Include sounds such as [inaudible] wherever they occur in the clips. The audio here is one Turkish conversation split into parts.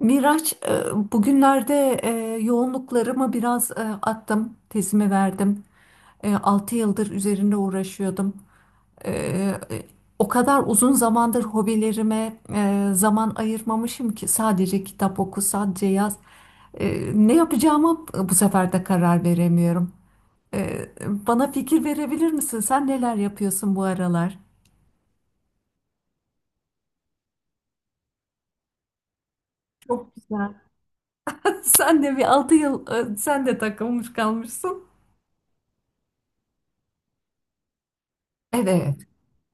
Miraç, bugünlerde yoğunluklarımı biraz attım, tezimi verdim. 6 yıldır üzerinde uğraşıyordum. E, e, O kadar uzun zamandır hobilerime zaman ayırmamışım ki sadece kitap oku, sadece yaz. E, Ne yapacağımı bu sefer de karar veremiyorum. E, Bana fikir verebilir misin? Sen neler yapıyorsun bu aralar? Çok güzel. [laughs] Sen de bir 6 yıl, sen de takılmış kalmışsın. Evet,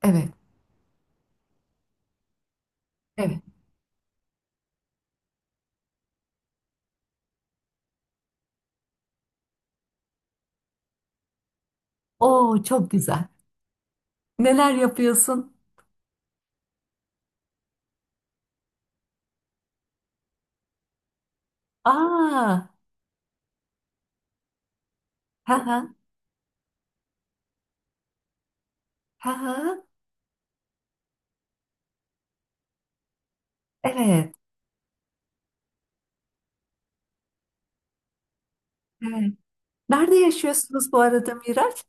evet. Evet. Oo, çok güzel. Neler yapıyorsun? Aa, ha ha. Ha ha. Evet, evet. Nerede yaşıyorsunuz bu arada, Miraç?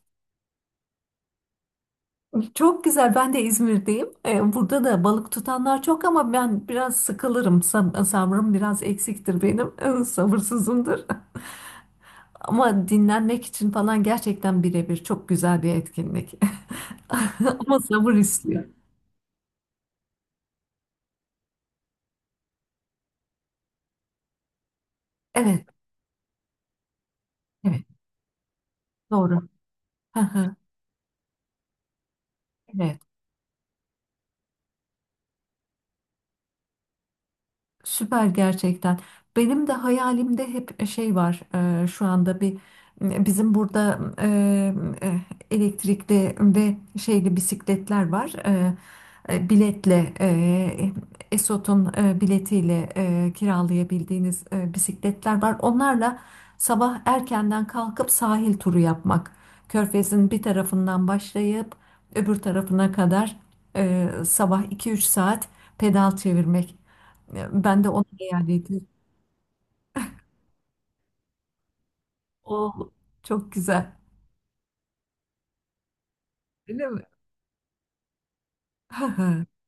Çok güzel. Ben de İzmir'deyim. Burada da balık tutanlar çok ama ben biraz sıkılırım. Sabrım biraz eksiktir benim. [laughs] Sabırsızımdır. [laughs] Ama dinlenmek için falan gerçekten birebir çok güzel bir etkinlik. [laughs] Ama sabır istiyor. Evet, evet. Doğru. [laughs] Ha ha. Evet. Süper gerçekten. Benim de hayalimde hep şey var, şu anda bir bizim burada e, elektrikli ve şeyli bisikletler var. Biletle, Esot'un biletiyle kiralayabildiğiniz bisikletler var. Onlarla sabah erkenden kalkıp sahil turu yapmak. Körfez'in bir tarafından başlayıp öbür tarafına kadar sabah iki üç saat pedal çevirmek. Ya, ben de ona eyaleti. O, çok güzel. Öyle mi? [laughs]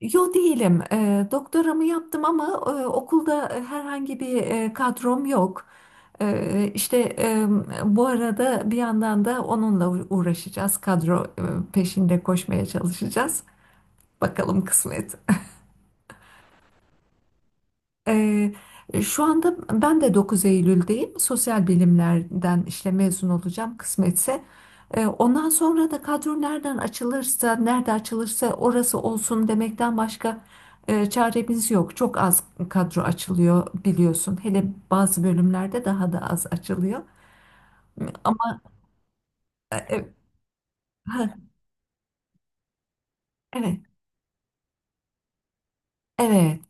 Yo, değilim. Doktoramı yaptım ama okulda herhangi bir kadrom yok. İşte bu arada bir yandan da onunla uğraşacağız. Kadro peşinde koşmaya çalışacağız. Bakalım kısmet. Ee, Şu anda ben de 9 Eylül'deyim. Sosyal bilimlerden işte mezun olacağım kısmetse. Ondan sonra da kadro nereden açılırsa, nerede açılırsa orası olsun demekten başka çaremiz yok. Çok az kadro açılıyor biliyorsun. Hele bazı bölümlerde daha da az açılıyor. Ama e, e, ha, evet, evet.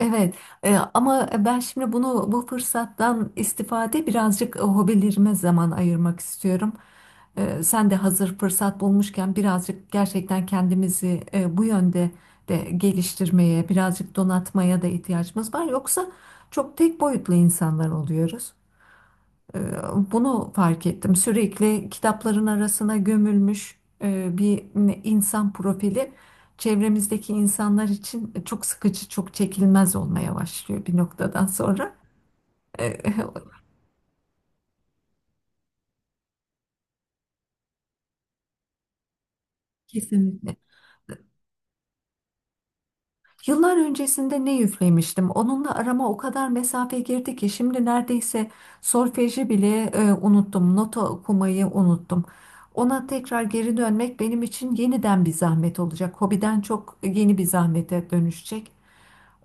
Evet, ama ben şimdi bunu bu fırsattan istifade birazcık hobilerime zaman ayırmak istiyorum. Sen de hazır fırsat bulmuşken birazcık gerçekten kendimizi bu yönde de geliştirmeye, birazcık donatmaya da ihtiyacımız var. Yoksa çok tek boyutlu insanlar oluyoruz. Ee, Bunu fark ettim. Sürekli kitapların arasına gömülmüş bir insan profili çevremizdeki insanlar için çok sıkıcı, çok çekilmez olmaya başlıyor bir noktadan sonra. Ee, [laughs] Kesinlikle. Yıllar öncesinde ne üflemiştim. Onunla arama o kadar mesafe girdi ki şimdi neredeyse solfeji bile unuttum. Nota okumayı unuttum. Ona tekrar geri dönmek benim için yeniden bir zahmet olacak. Hobiden çok yeni bir zahmete dönüşecek.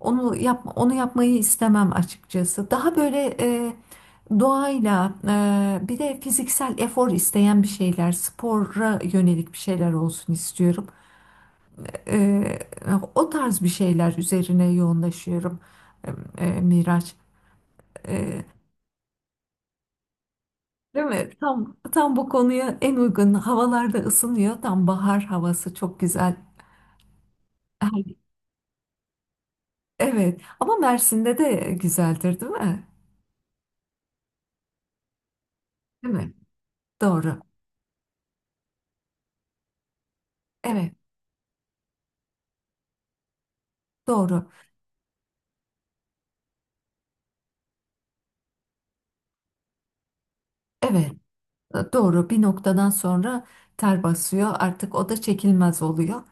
Onu yapma, onu yapmayı istemem açıkçası. Daha böyle doğayla, bir de fiziksel efor isteyen bir şeyler, spora yönelik bir şeyler olsun istiyorum. Eee, O tarz bir şeyler üzerine yoğunlaşıyorum, Miraç. Eee, Değil mi? Tam bu konuya en uygun havalarda ısınıyor. Tam bahar havası çok güzel. Her- Evet. Ama Mersin'de de güzeldir, değil mi? Değil mi? Doğru. Evet. Doğru. Evet. Doğru. Bir noktadan sonra ter basıyor. Artık o da çekilmez oluyor.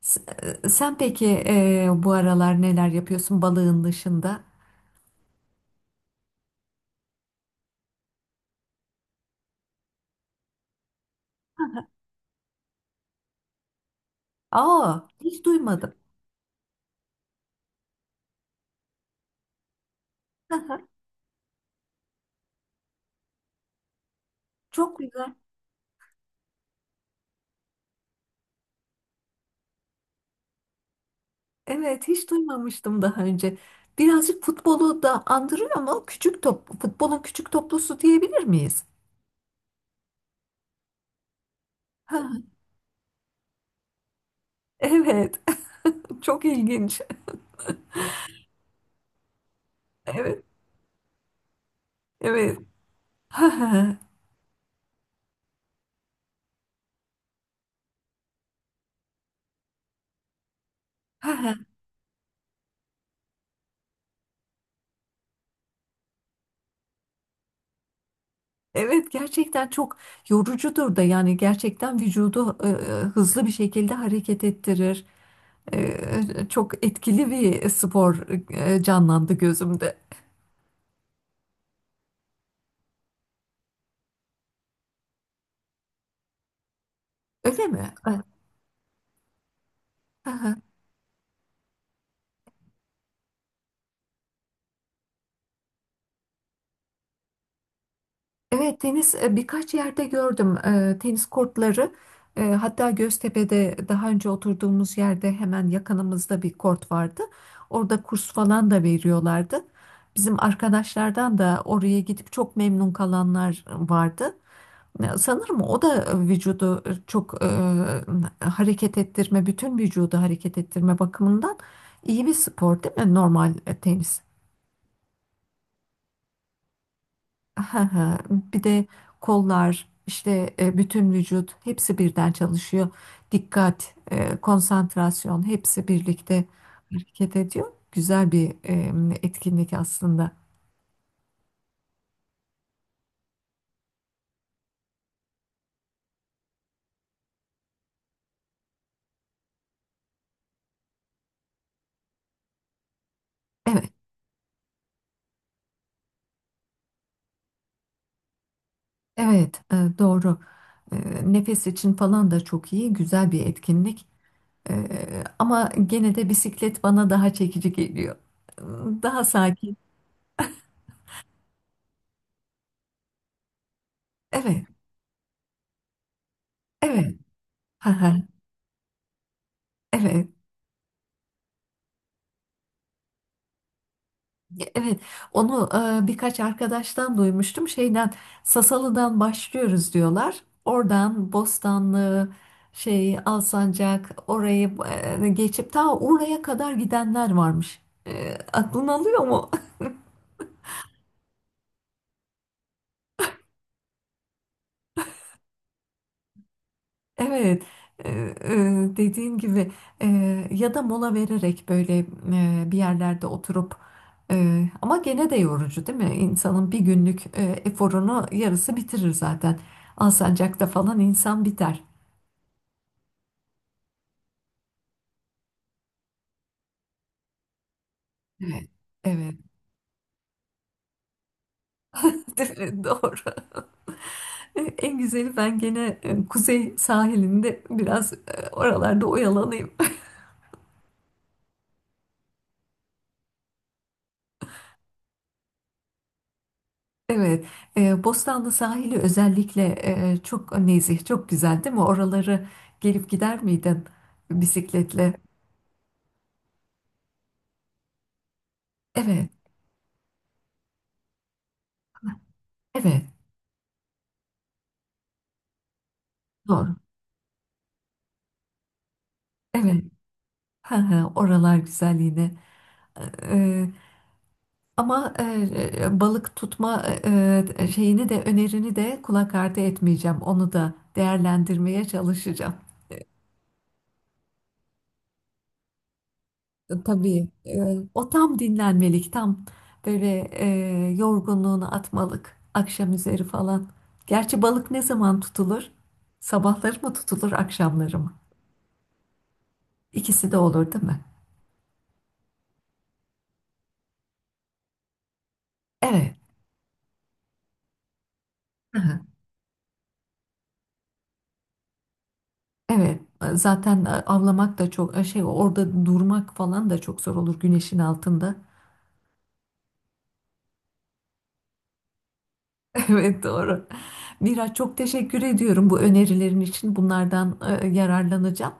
Sen peki, bu aralar neler yapıyorsun balığın dışında? [laughs] Aa, hiç duymadım. [laughs] Aha. Çok güzel. Evet, hiç duymamıştım daha önce. Birazcık futbolu da andırıyor ama küçük top, futbolun küçük toplusu diyebilir miyiz? Ha. Evet, [laughs] çok ilginç. Evet, evet. [laughs] Ha ha. Ha ha. Evet, gerçekten çok yorucudur da yani gerçekten vücudu hızlı bir şekilde hareket ettirir. E, Çok etkili bir spor canlandı gözümde. Öyle mi? Ha ha. [laughs] Evet, tenis birkaç yerde gördüm, tenis kortları. Hatta Göztepe'de daha önce oturduğumuz yerde hemen yakınımızda bir kort vardı. Orada kurs falan da veriyorlardı. Bizim arkadaşlardan da oraya gidip çok memnun kalanlar vardı. Sanırım o da vücudu çok hareket ettirme, bütün vücudu hareket ettirme bakımından iyi bir spor değil mi? Normal tenis. Aha, ha. Bir de kollar, işte, bütün vücut hepsi birden çalışıyor. Dikkat, konsantrasyon hepsi birlikte hareket ediyor. Güzel bir etkinlik aslında. Evet, evet, doğru. E, Nefes için falan da çok iyi, güzel bir etkinlik. Ama gene de bisiklet bana daha çekici geliyor. Daha sakin. Evet, evet. Aha. Evet. Evet, onu birkaç arkadaştan duymuştum. Sasalı'dan başlıyoruz diyorlar. Oradan Bostanlı, Alsancak orayı geçip ta oraya kadar gidenler varmış. Aklın alıyor mu? [laughs] Evet, e, e, dediğin gibi, ya da mola vererek böyle bir yerlerde oturup, ama gene de yorucu değil mi? İnsanın bir günlük eforunu yarısı bitirir zaten. Alsancak'ta falan insan biter. Evet, evet. [laughs] Doğru. [laughs] En güzeli ben gene kuzey sahilinde biraz oralarda oyalanayım. [laughs] Evet, Bostanlı sahili özellikle çok nezih, çok güzel değil mi? Oraları gelip gider miydin bisikletle? Evet, evet, doğru. Evet, hı hı, oralar güzel yine. E, Ama balık tutma şeyini de önerini de kulak ardı etmeyeceğim. Onu da değerlendirmeye çalışacağım. Tabii, o tam dinlenmelik, tam böyle yorgunluğunu atmalık akşam üzeri falan. Gerçi balık ne zaman tutulur? Sabahları mı tutulur, akşamları mı? İkisi de olur değil mi? Evet. Hı hı. Evet, zaten avlamak da çok şey, orada durmak falan da çok zor olur güneşin altında. [laughs] Evet, doğru. Miraç, çok teşekkür ediyorum bu önerilerin için, bunlardan yararlanacağım.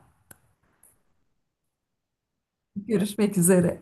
Görüşmek üzere.